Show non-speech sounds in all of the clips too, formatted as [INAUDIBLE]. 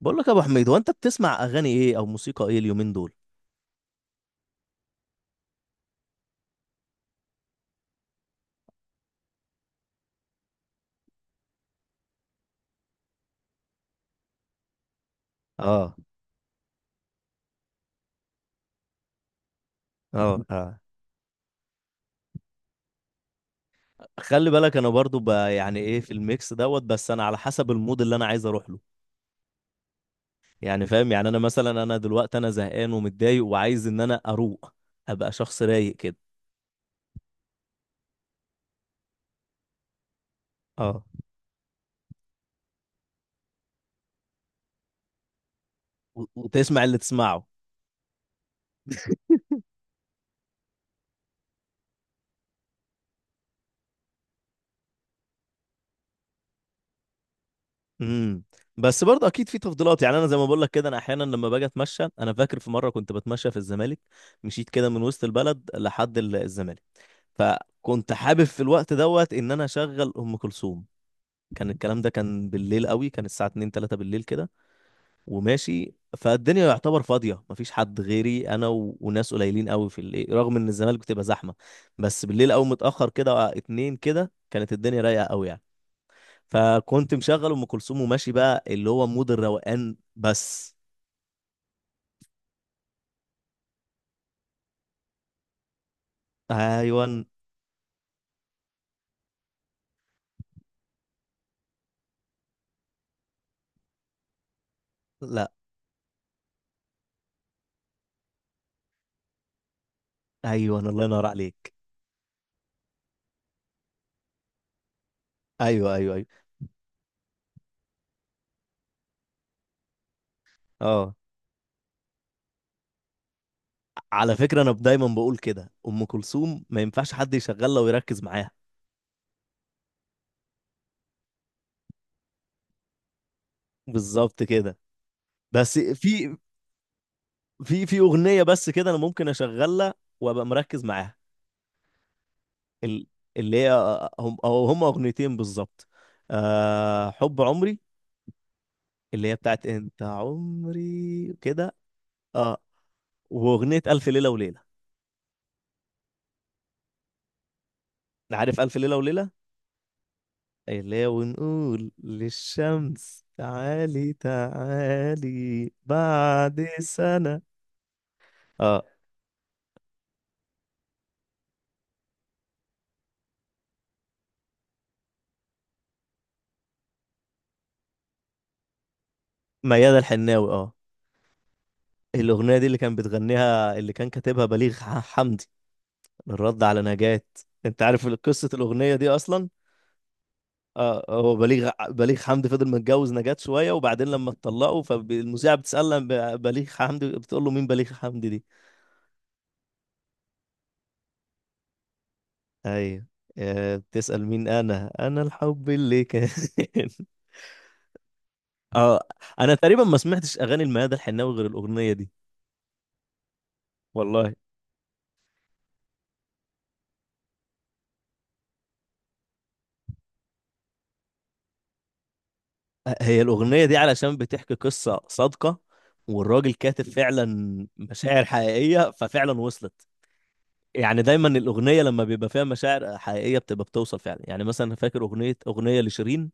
بقول لك يا ابو حميد، هو انت بتسمع اغاني ايه او موسيقى ايه اليومين دول؟ اه. اه. [LAUGHS] اه. خلي بالك انا برضو ب- يعني ايه في الميكس دوت، بس انا على حسب المود اللي انا عايز اروح له. يعني فاهم، يعني انا مثلا انا دلوقتي انا زهقان ومتضايق وعايز ان انا اروق، ابقى شخص رايق كده. اه. وتسمع اللي تسمعه. امم. بس برضه اكيد في تفضيلات، يعني انا زي ما بقول لك كده، انا احيانا لما باجي اتمشى انا فاكر في مره كنت بتمشى في الزمالك، مشيت كده من وسط البلد لحد الزمالك، فكنت حابب في الوقت دوت ان انا اشغل ام كلثوم. كان الكلام ده كان بالليل قوي، كان الساعه 2 3 بالليل كده، وماشي فالدنيا يعتبر فاضيه مفيش حد غيري انا وناس قليلين قوي في الليل، رغم ان الزمالك بتبقى زحمه، بس بالليل قوي متاخر كده آه، اتنين كده كانت الدنيا رايقه قوي يعني. فكنت مشغل ام كلثوم وماشي بقى اللي هو مود الروقان بس. ايوه. لا. ايوه الله ينور عليك. ايوه ايوه ايوه. اه. على فكرة أنا دايما بقول كده، أم كلثوم ما ينفعش حد يشغلها ويركز معاها. بالظبط كده. بس في، في أغنية بس كده أنا ممكن أشغلها وأبقى مركز معاها. ال- اللي هي، هم أو هم أغنيتين بالظبط. أه، حب عمري، اللي هي بتاعت أنت عمري كده. أه، وأغنية ألف ليلة وليلة. عارف ألف ليلة وليلة، اللي هي ونقول للشمس تعالي تعالي بعد سنة. اه. ميادة الحناوي، اه. الأغنية دي اللي كان بتغنيها، اللي كان كاتبها بليغ حمدي، الرد على نجاة. انت عارف قصة الأغنية دي أصلا؟ اه، هو بليغ حمدي فضل متجوز نجاة شوية، وبعدين لما اتطلقوا فالمذيعة بتسأل عن بليغ حمدي، بتقول له مين بليغ حمدي دي؟ ايوه. آه، بتسأل مين، انا الحب اللي كان. [LAUGHS] اه. انا تقريبا ما سمعتش اغاني الميادة الحناوي غير الأغنية دي. والله. هي الأغنية دي علشان بتحكي قصة صادقة، والراجل كاتب فعلا مشاعر حقيقية ففعلا وصلت. يعني دايما الأغنية لما بيبقى فيها مشاعر حقيقية بتبقى بتوصل فعلا، يعني مثلا فاكر أغنية لشيرين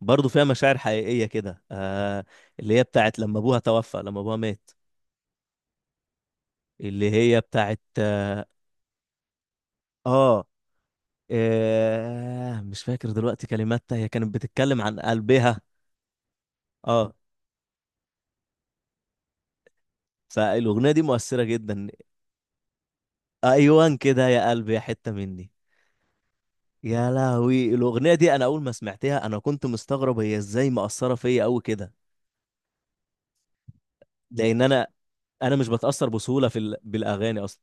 برضو فيها مشاعر حقيقية كده آه، اللي هي بتاعت لما أبوها توفى، لما أبوها مات. اللي هي بتاعت آه، آه مش فاكر دلوقتي كلماتها، هي كانت بتتكلم عن قلبها. آه. فالأغنية دي مؤثرة جدا. أيوان كده يا قلبي يا حتة مني. يا لهوي الاغنيه دي، انا اول ما سمعتها انا كنت مستغرب هي ازاي مأثره فيا قوي كده، لان انا، انا مش بتأثر بسهوله بالاغاني اصلا.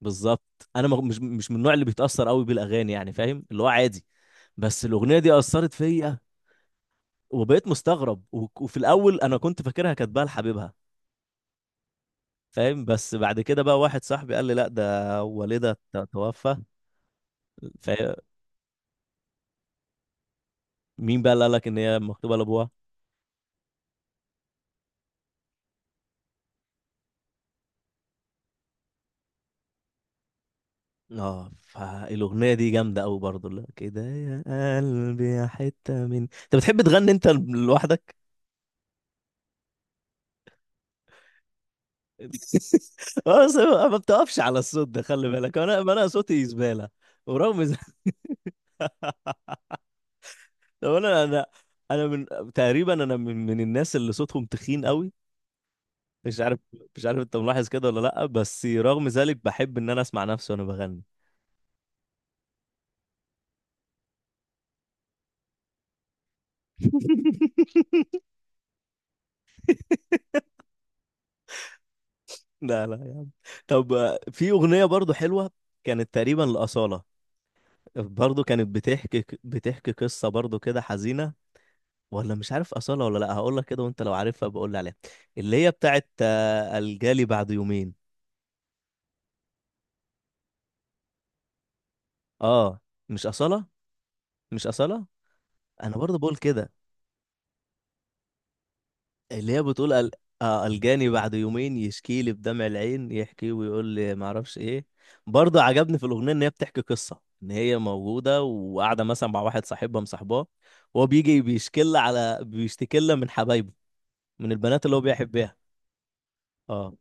بالظبط، انا ما... مش مش من النوع اللي بيتأثر قوي بالاغاني، يعني فاهم اللي هو عادي. بس الاغنيه دي أثرت فيا وبقيت مستغرب، وفي الاول انا كنت فاكرها كاتباها لحبيبها، فاهم، بس بعد كده بقى واحد صاحبي قال لي لا، ده والدها توفى. فمين بقى اللي قال لك ان هي مكتوبه لابوها؟ اه، فالأغنية دي جامدة أوي برضه، لا كده يا قلبي يا حتة من. أنت بتحب تغني أنت لوحدك؟ [LAUGHS] اه، بس ما بتقفش على الصوت ده، خلي بالك أنا صوتي زبالة ورغم ذلك. [LAUGHS] طب، أنا تقريبا أنا من الناس اللي صوتهم تخين أوي، مش عارف، مش عارف أنت ملاحظ كده ولا لأ، بس رغم ذلك بحب إن أنا أسمع نفسي وأنا بغني. [LAUGHS] لا لا يا عم. طب آه، في أغنية برضه حلوة كانت تقريبا لأصالة، برضه كانت بتحكي قصة برضه كده حزينة، ولا مش عارف أصالة ولا لأ، هقول لك كده وأنت لو عارفها بقول لي عليها. اللي هي بتاعت آه، الجالي بعد يومين. أه، مش أصالة. مش أصالة. أنا برضه بقول كده، اللي هي بتقول آه الجاني بعد يومين يشكي لي بدمع العين، يحكي ويقول لي معرفش إيه. برضه عجبني في الأغنية إن هي بتحكي قصة إن هي موجودة وقاعدة مثلا مع واحد صاحبها مصاحباه، وهو بيجي بيشكي لها على، بيشتكي لها من حبايبه، من البنات اللي هو بيحبها. اه.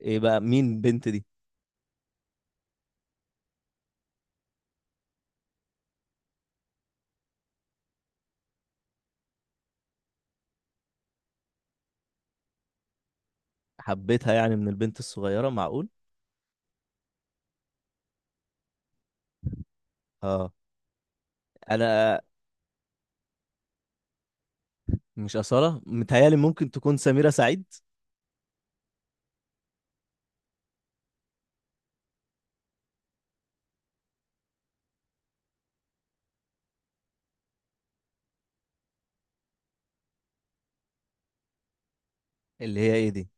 ايه بقى مين البنت دي؟ حبيتها يعني من البنت الصغيرة؟ معقول. اه. انا مش أصالة متهيالي، ممكن تكون سميرة سعيد. اللي هي ايه دي؟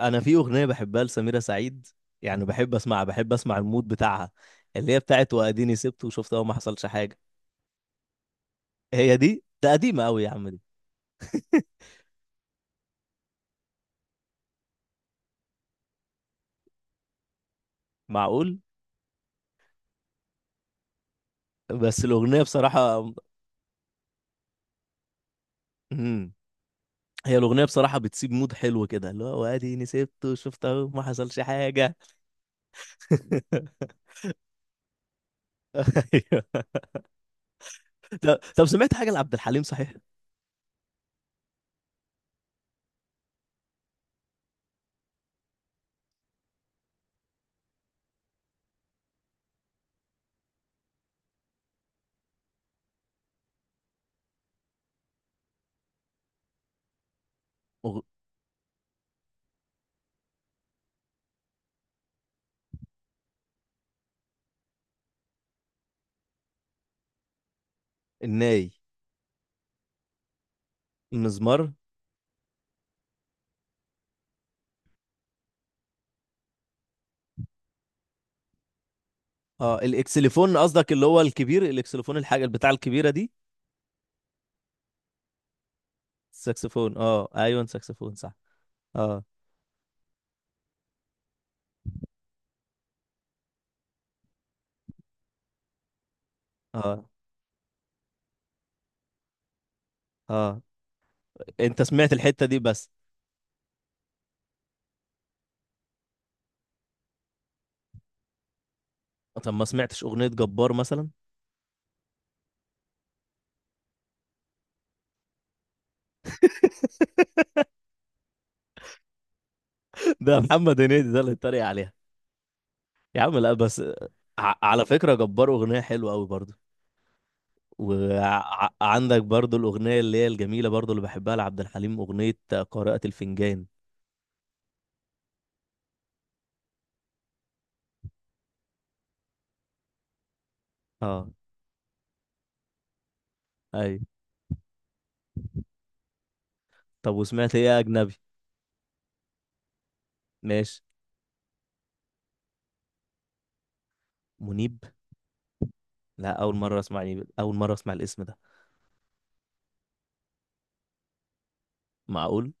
انا في أغنية بحبها لسميرة سعيد، يعني بحب اسمعها، بحب اسمع المود بتاعها، اللي هي بتاعت واديني سبت وشفت اهو ما حصلش حاجة. هي دي، ده قديمة قوي يا عم دي. [LAUGHS] معقول. بس الأغنية بصراحة. مم. هي الأغنية بصراحة بتسيب مود حلو كده، اللي هو واديني سبت وشفت اهو ما حصلش حاجة. [LAUGHS] طب سمعت حاجة لعبد الحليم صحيح؟ مغ... الناي؟ المزمار؟ اه، الاكسليفون قصدك، اللي هو الكبير، الاكسليفون الحاجة بتاع الكبيرة دي. الساكسفون، اه ايوه ساكسفون صح. اه. اه. اه. انت سمعت الحتة دي بس؟ طب ما سمعتش أغنية جبار مثلا؟ [LAUGHS] ده محمد هنيدي ده اللي اتريق عليها. يا عم لا بس، ع... على فكرة جبار أغنية حلوة قوي برضو، وعندك برضو الأغنية اللي هي الجميلة برضو اللي بحبها لعبد الحليم، أغنية قارئة الفنجان. اه. ايوه. طب وسمعت ايه يا اجنبي؟ ماشي. منيب؟ لا اول مره اسمع منيب، اول مره اسمع الاسم ده. معقول.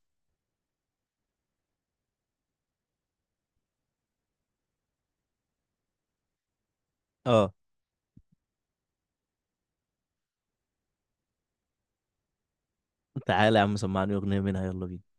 اه. تعالى يا عم سمعني اغنيه منها، يلا بينا.